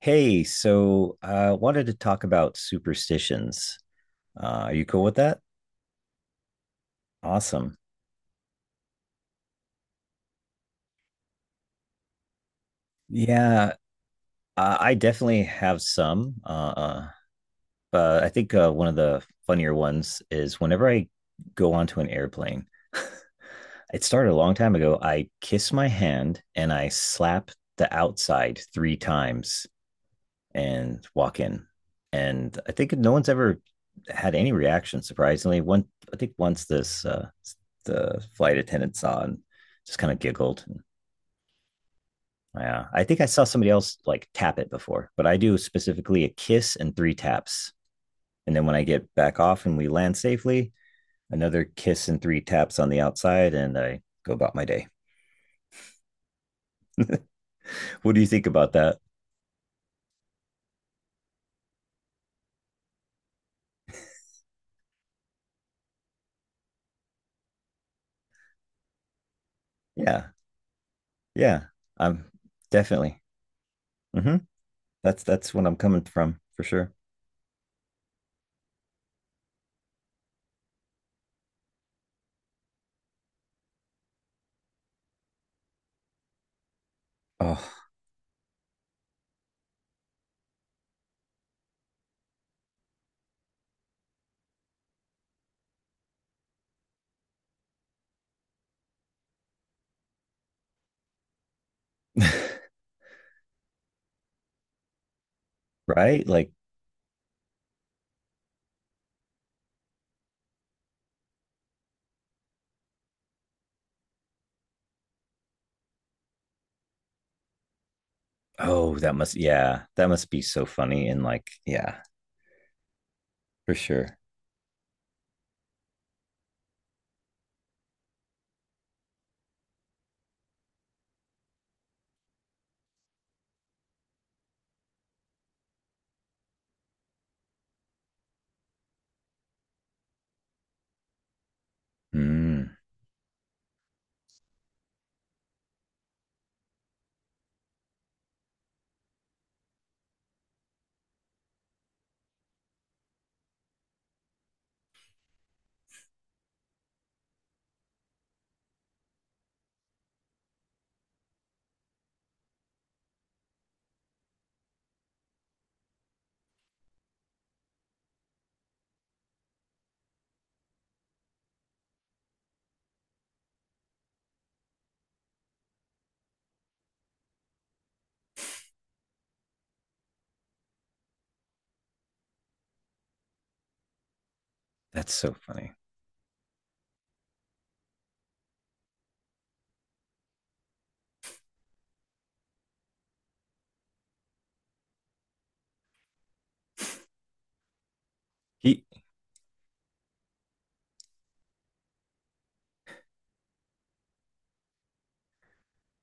Hey, so I wanted to talk about superstitions. Are you cool with that? Awesome. Yeah, I definitely have some. But I think one of the funnier ones is whenever I go onto an airplane, it started a long time ago. I kiss my hand and I slap the outside three times and walk in. And I think no one's ever had any reaction. Surprisingly, one I think once this the flight attendant saw and just kind of giggled. And, yeah, I think I saw somebody else like tap it before, but I do specifically a kiss and three taps. And then when I get back off and we land safely, another kiss and three taps on the outside, and I go about my day. What do you think about that? Yeah, yeah, I'm definitely. Mm-hmm. That's what I'm coming from for sure. Oh, right? Like, oh, that must, yeah, that must be so funny. And like, yeah, for sure. Mm, that's so funny. He,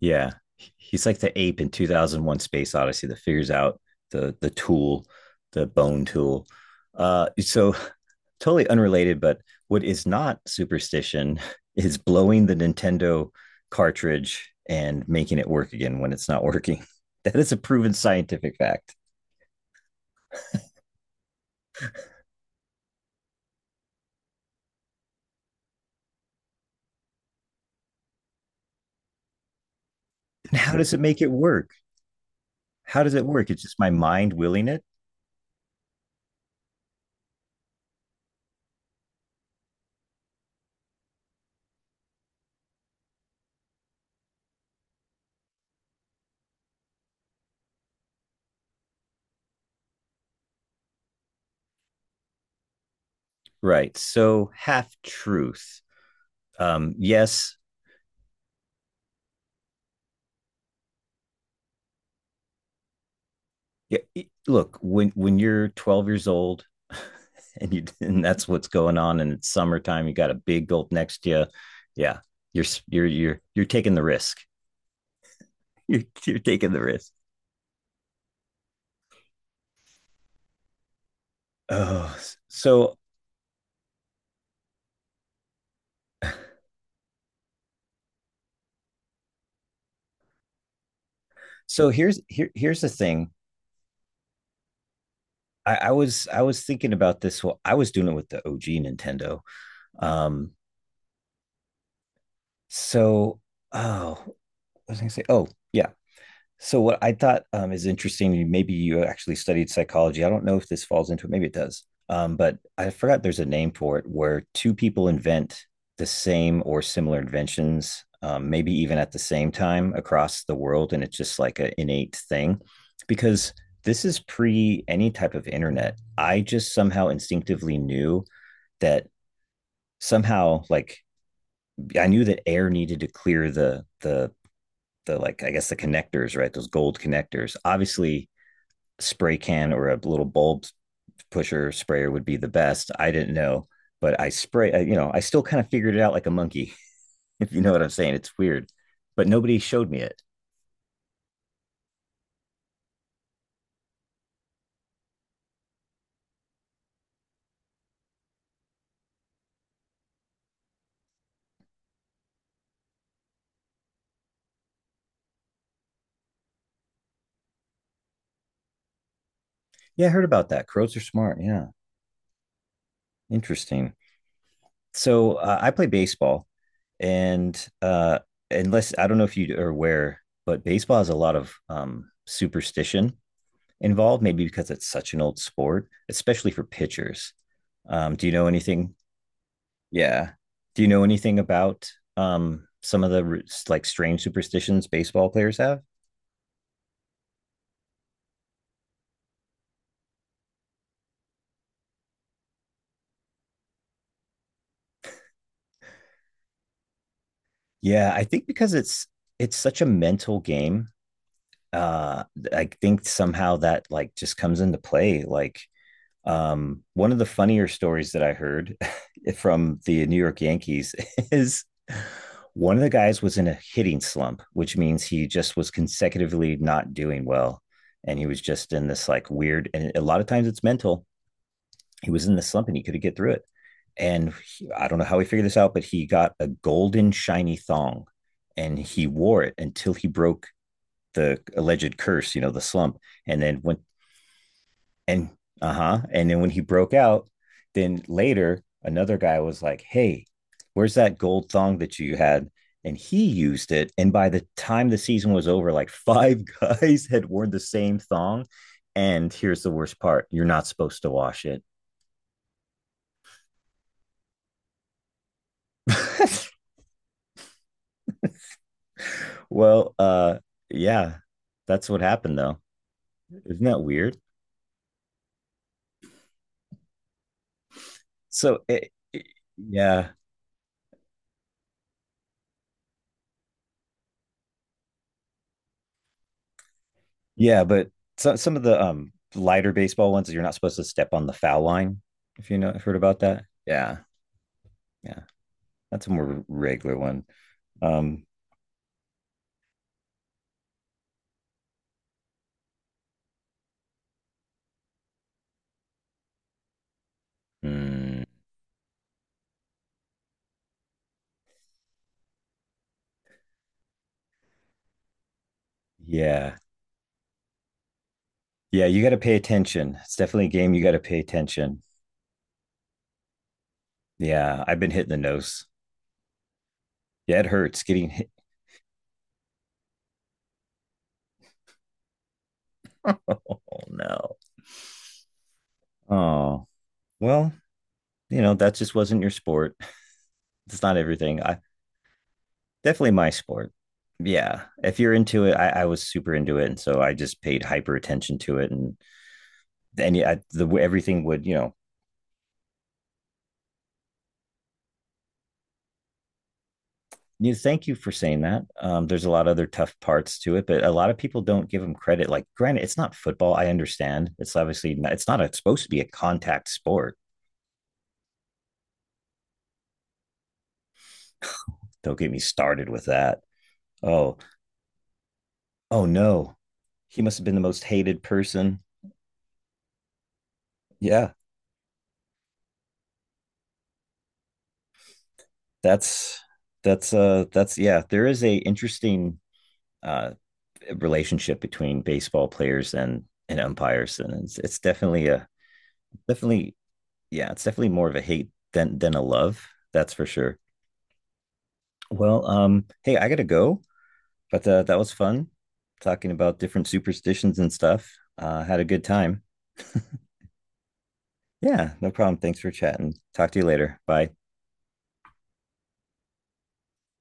yeah, he's like the ape in 2001 Space Odyssey that figures out the tool, the bone tool. So totally unrelated, but what is not superstition is blowing the Nintendo cartridge and making it work again when it's not working. That is a proven scientific fact. And how does it make it work? How does it work? It's just my mind willing it. Right. So half truth. Yes. Yeah, look, when you're 12 years old and you and that's what's going on, and it's summertime, you got a big gulp next to you. Yeah, you're taking the risk. You're taking the risk. Oh, so so here's here's the thing. I was I was thinking about this. Well, I was doing it with the OG Nintendo. Um, so oh, what was I gonna say? Oh, yeah. So what I thought is interesting, maybe you actually studied psychology. I don't know if this falls into it. Maybe it does. But I forgot there's a name for it where two people invent the same or similar inventions, maybe even at the same time across the world, and it's just like an innate thing. Because this is pre any type of internet. I just somehow instinctively knew that somehow, like I knew that air needed to clear the like I guess the connectors, right? Those gold connectors. Obviously, spray can or a little bulb pusher sprayer would be the best. I didn't know, but you know, I still kind of figured it out like a monkey, if you know what I'm saying. It's weird, but nobody showed me it. Yeah, I heard about that. Crows are smart. Yeah. Interesting. So I play baseball, and uh, unless I don't know if you are aware, but baseball has a lot of superstition involved. Maybe because it's such an old sport, especially for pitchers. Do you know anything? Yeah. Do you know anything about some of the like strange superstitions baseball players have? Yeah, I think because it's such a mental game, uh I think somehow that like just comes into play. Like one of the funnier stories that I heard from the New York Yankees is one of the guys was in a hitting slump, which means he just was consecutively not doing well. And he was just in this like weird, and a lot of times it's mental. He was in the slump and he couldn't get through it. And he, I don't know how he figured this out, but he got a golden shiny thong and he wore it until he broke the alleged curse, you know, the slump. And then once and uh-huh, and then when he broke out, then later another guy was like, hey, where's that gold thong that you had? And he used it, and by the time the season was over, like five guys had worn the same thong. And here's the worst part, you're not supposed to wash it. Well, yeah, that's what happened though. Isn't that weird? so it, it- yeah. Yeah, but so, some of the lighter baseball ones, you're not supposed to step on the foul line. If you know, heard about that. Yeah, yeah, that's a more regular one. Um, mm, yeah, yeah, you got to pay attention. It's definitely a game you got to pay attention. Yeah, I've been hitting the nose. Yeah, it hurts getting hit. Oh no. Oh well, you know that just wasn't your sport. It's not everything. I definitely my sport. Yeah, if you're into it, I was super into it, and so I just paid hyper attention to it and yeah, the everything would you know. You thank you for saying that. There's a lot of other tough parts to it, but a lot of people don't give them credit. Like, granted, it's not football. I understand. It's obviously not, it's not a, it's supposed to be a contact sport. Don't get me started with that. Oh, oh no, he must have been the most hated person. Yeah, that's that's yeah. There is a interesting uh relationship between baseball players and umpires, and it's definitely a definitely yeah, it's definitely more of a hate than a love. That's for sure. Well, hey, I gotta go, but that was fun talking about different superstitions and stuff. Had a good time. Yeah, no problem. Thanks for chatting. Talk to you later. Bye.